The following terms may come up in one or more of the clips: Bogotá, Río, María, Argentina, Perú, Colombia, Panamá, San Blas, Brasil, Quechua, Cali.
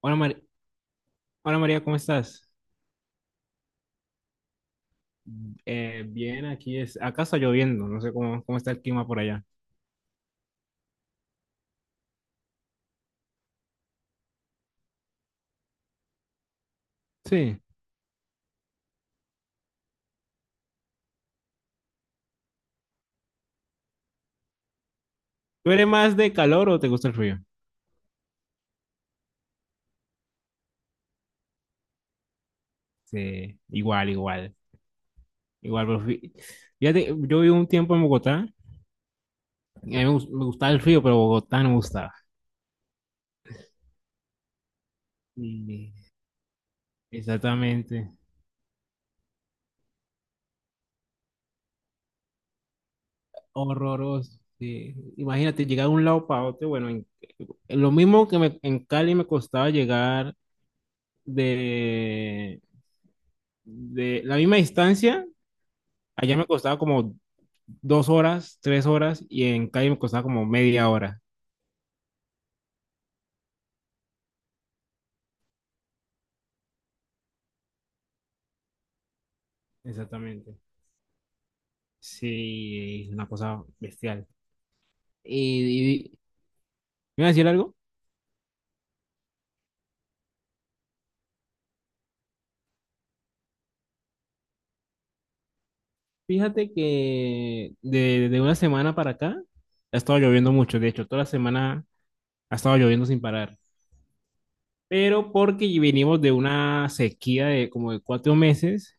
Hola, Hola María, ¿cómo estás? Bien, aquí es, acá está lloviendo, no sé cómo, cómo está el clima por allá. Sí. ¿Tú eres más de calor o te gusta el frío? Sí, igual, igual, igual. Pero fíjate, yo viví un tiempo en Bogotá, y a mí me, me gustaba el frío, pero Bogotá no me gustaba. Y- Exactamente, horroroso. Sí. Imagínate llegar de un lado para otro, bueno, en lo mismo que en Cali me costaba llegar de, de la misma distancia. Allá me costaba como dos horas, tres horas, y en calle me costaba como media hora. Exactamente. Sí, una cosa bestial. Y, y- ¿Me iba a decir algo? Fíjate que de una semana para acá ha estado lloviendo mucho. De hecho, toda la semana ha estado lloviendo sin parar. Pero porque venimos de una sequía de como de cuatro meses,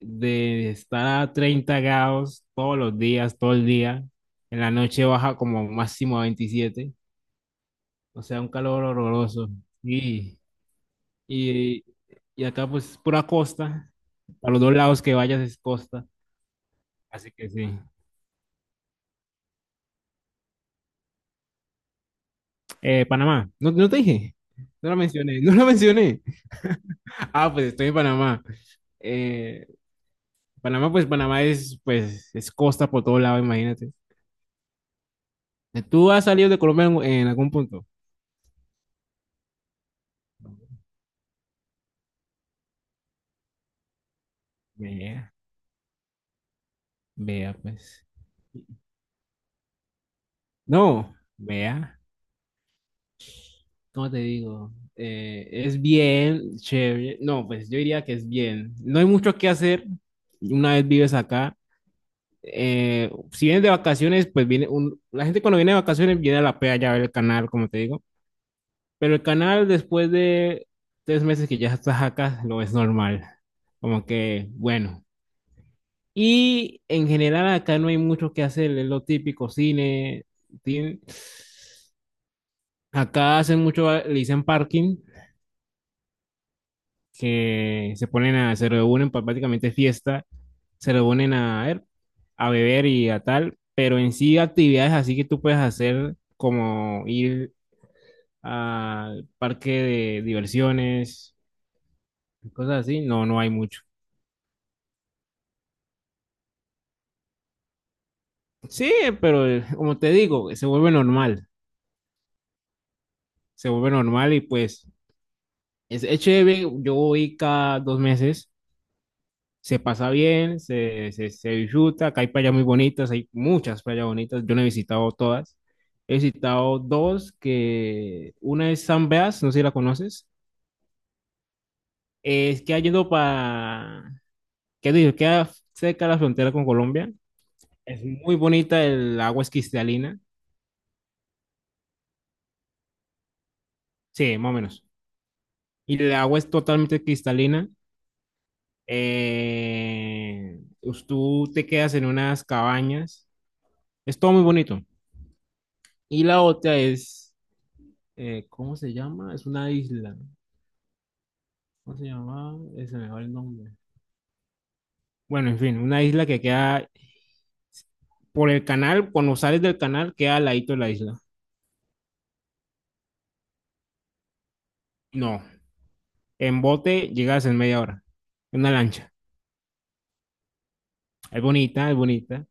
de estar a 30 grados todos los días, todo el día. En la noche baja como máximo a 27. O sea, un calor horroroso. Y, y, y acá pues pura costa, a los dos lados que vayas es costa, así que sí. Panamá, no, no te dije, no lo mencioné, no lo mencioné. Ah, pues estoy en Panamá. Eh, Panamá, pues Panamá es, pues, es costa por todo lado, imagínate. ¿Tú has salido de Colombia en algún punto? Vea, vea, pues. No, vea. ¿Cómo te digo? Es bien, chévere. No, pues yo diría que es bien. No hay mucho que hacer una vez vives acá. Si vienes de vacaciones, pues viene un... La gente cuando viene de vacaciones viene a la playa a ver el canal, como te digo. Pero el canal después de tres meses que ya estás acá, lo es normal. Como que, bueno. Y en general acá no hay mucho que hacer, es lo típico, cine, tin- acá hacen mucho, le dicen parking, que se ponen a, se reúnen para prácticamente es fiesta, se reúnen a, ver, a beber y a tal, pero en sí actividades así que tú puedes hacer como ir al parque de diversiones, cosas así, no, no hay mucho. Sí, pero como te digo, se vuelve normal y pues es chévere, yo voy cada dos meses, se pasa bien, se disfruta. Acá hay playas muy bonitas, hay muchas playas bonitas. Yo no he visitado todas. He visitado dos, que una es San Blas, no sé si la conoces. Es que yendo para, ¿qué digo? Queda cerca de la frontera con Colombia. Es muy bonita, el agua es cristalina. Sí, más o menos. Y el agua es totalmente cristalina. Pues tú te quedas en unas cabañas. Es todo muy bonito. Y la otra es ¿cómo se llama? Es una isla. ¿Cómo se llama? Se me va el nombre. Bueno, en fin, una isla que queda por el canal, cuando sales del canal, queda al ladito de la isla. No, en bote llegas en media hora, en una lancha. Es bonita, es bonita.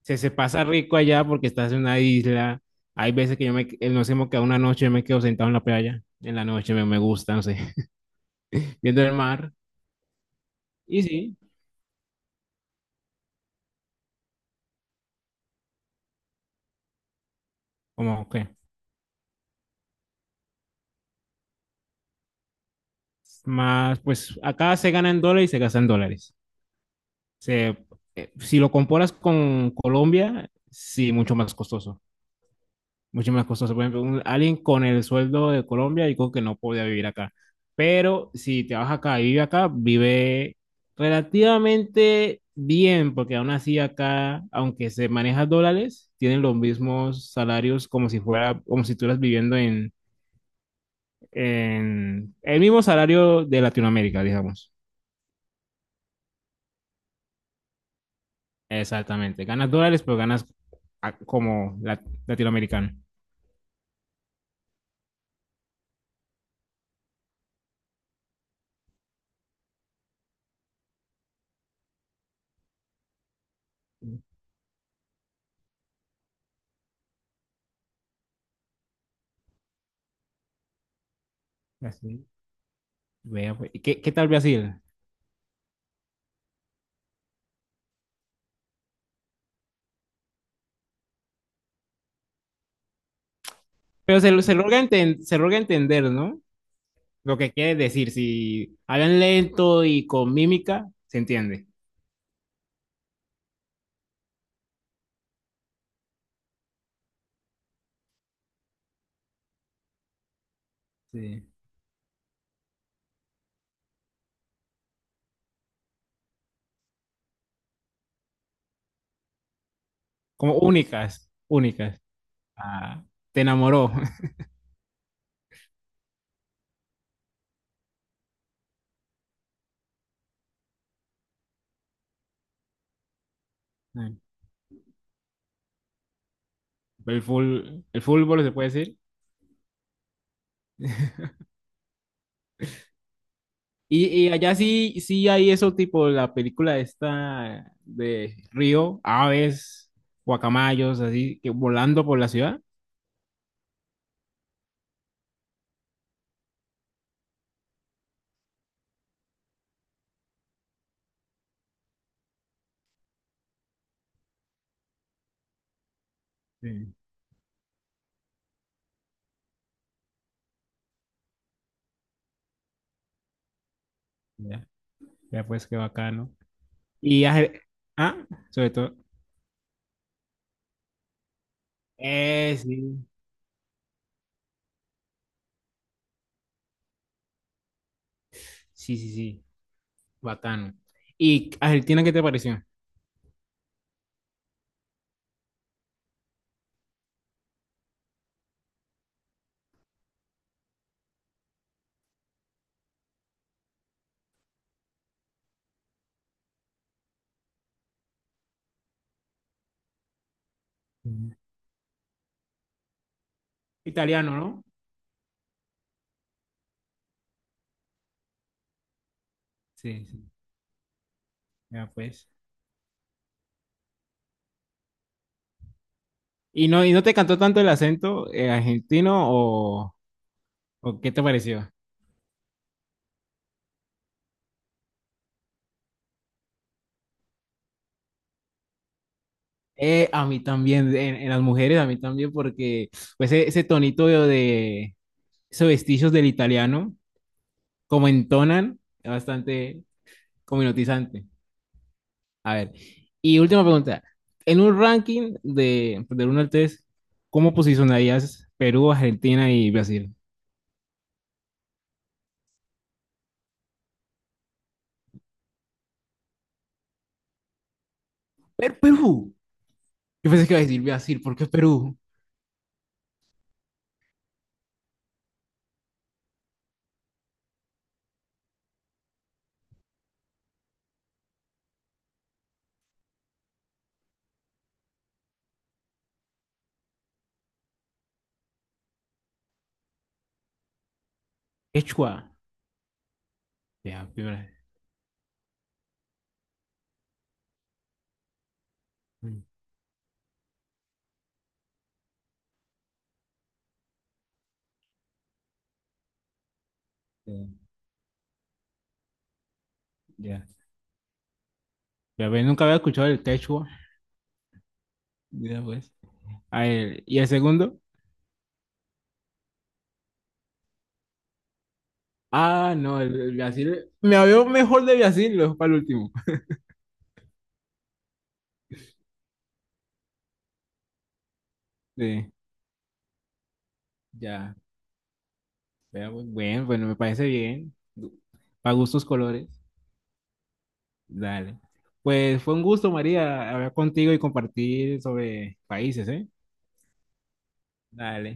Se pasa rico allá porque estás en una isla. Hay veces que yo me, nos hemos quedado una noche, yo me quedo sentado en la playa. En la noche me, me gusta, no sé, viendo el mar. Y sí, como que más, pues acá se gana en dólares y se gasta en dólares. Se, si lo comparas con Colombia, sí, mucho más costoso. Mucho más costoso. Por ejemplo, alguien con el sueldo de Colombia, digo que no podía vivir acá. Pero si te vas acá y vive acá, vive relativamente bien, porque aún así acá, aunque se maneja dólares, tienen los mismos salarios como si fuera, como si estuvieras viviendo en el mismo salario de Latinoamérica, digamos. Exactamente. Ganas dólares, pero ganas ah, como latinoamericano. Así. Vea, pues. ¿Y ¿qué, qué tal Brasil? Pero se, se logra se logra entender, ¿no? Lo que quiere decir, si hablan lento y con mímica, se entiende. Sí. Como únicas, únicas. Ah, te enamoró. El, el fútbol, se puede decir. Y allá sí, sí hay eso, tipo la película esta de Río, aves, guacamayos, así, que volando por la ciudad. Sí. Ya, ya pues qué bacano. Y has- ah, sobre todo. Sí. Sí, sí, sí. Bacano. ¿Y Argentina qué te pareció? Ujú. Italiano, ¿no? Sí, sí. Ya pues. Y no te cantó tanto el acento argentino o qué te pareció? A mí también, en las mujeres a mí también, porque pues, ese tonito de esos vestigios del italiano, como entonan, es bastante como hipnotizante. A ver, y última pregunta. En un ranking de, del 1 al 3, ¿cómo posicionarías Perú, Argentina y Brasil? Perú. Yo pensé que iba a decir Brasil, ¿por qué Perú? Quechua. Ya, primera vez. Ya, ya. Ya ves, nunca había escuchado el quechua. Ya, pues. A ver, ¿y el segundo? Ah, no, el Brasil. Me había mejor de Brasil, lo dejo para el último. Sí, ya. Vea, pues, bueno, bueno, me parece bien. Para gustos colores. Dale. Pues fue un gusto, María, hablar contigo y compartir sobre países, ¿eh? Dale.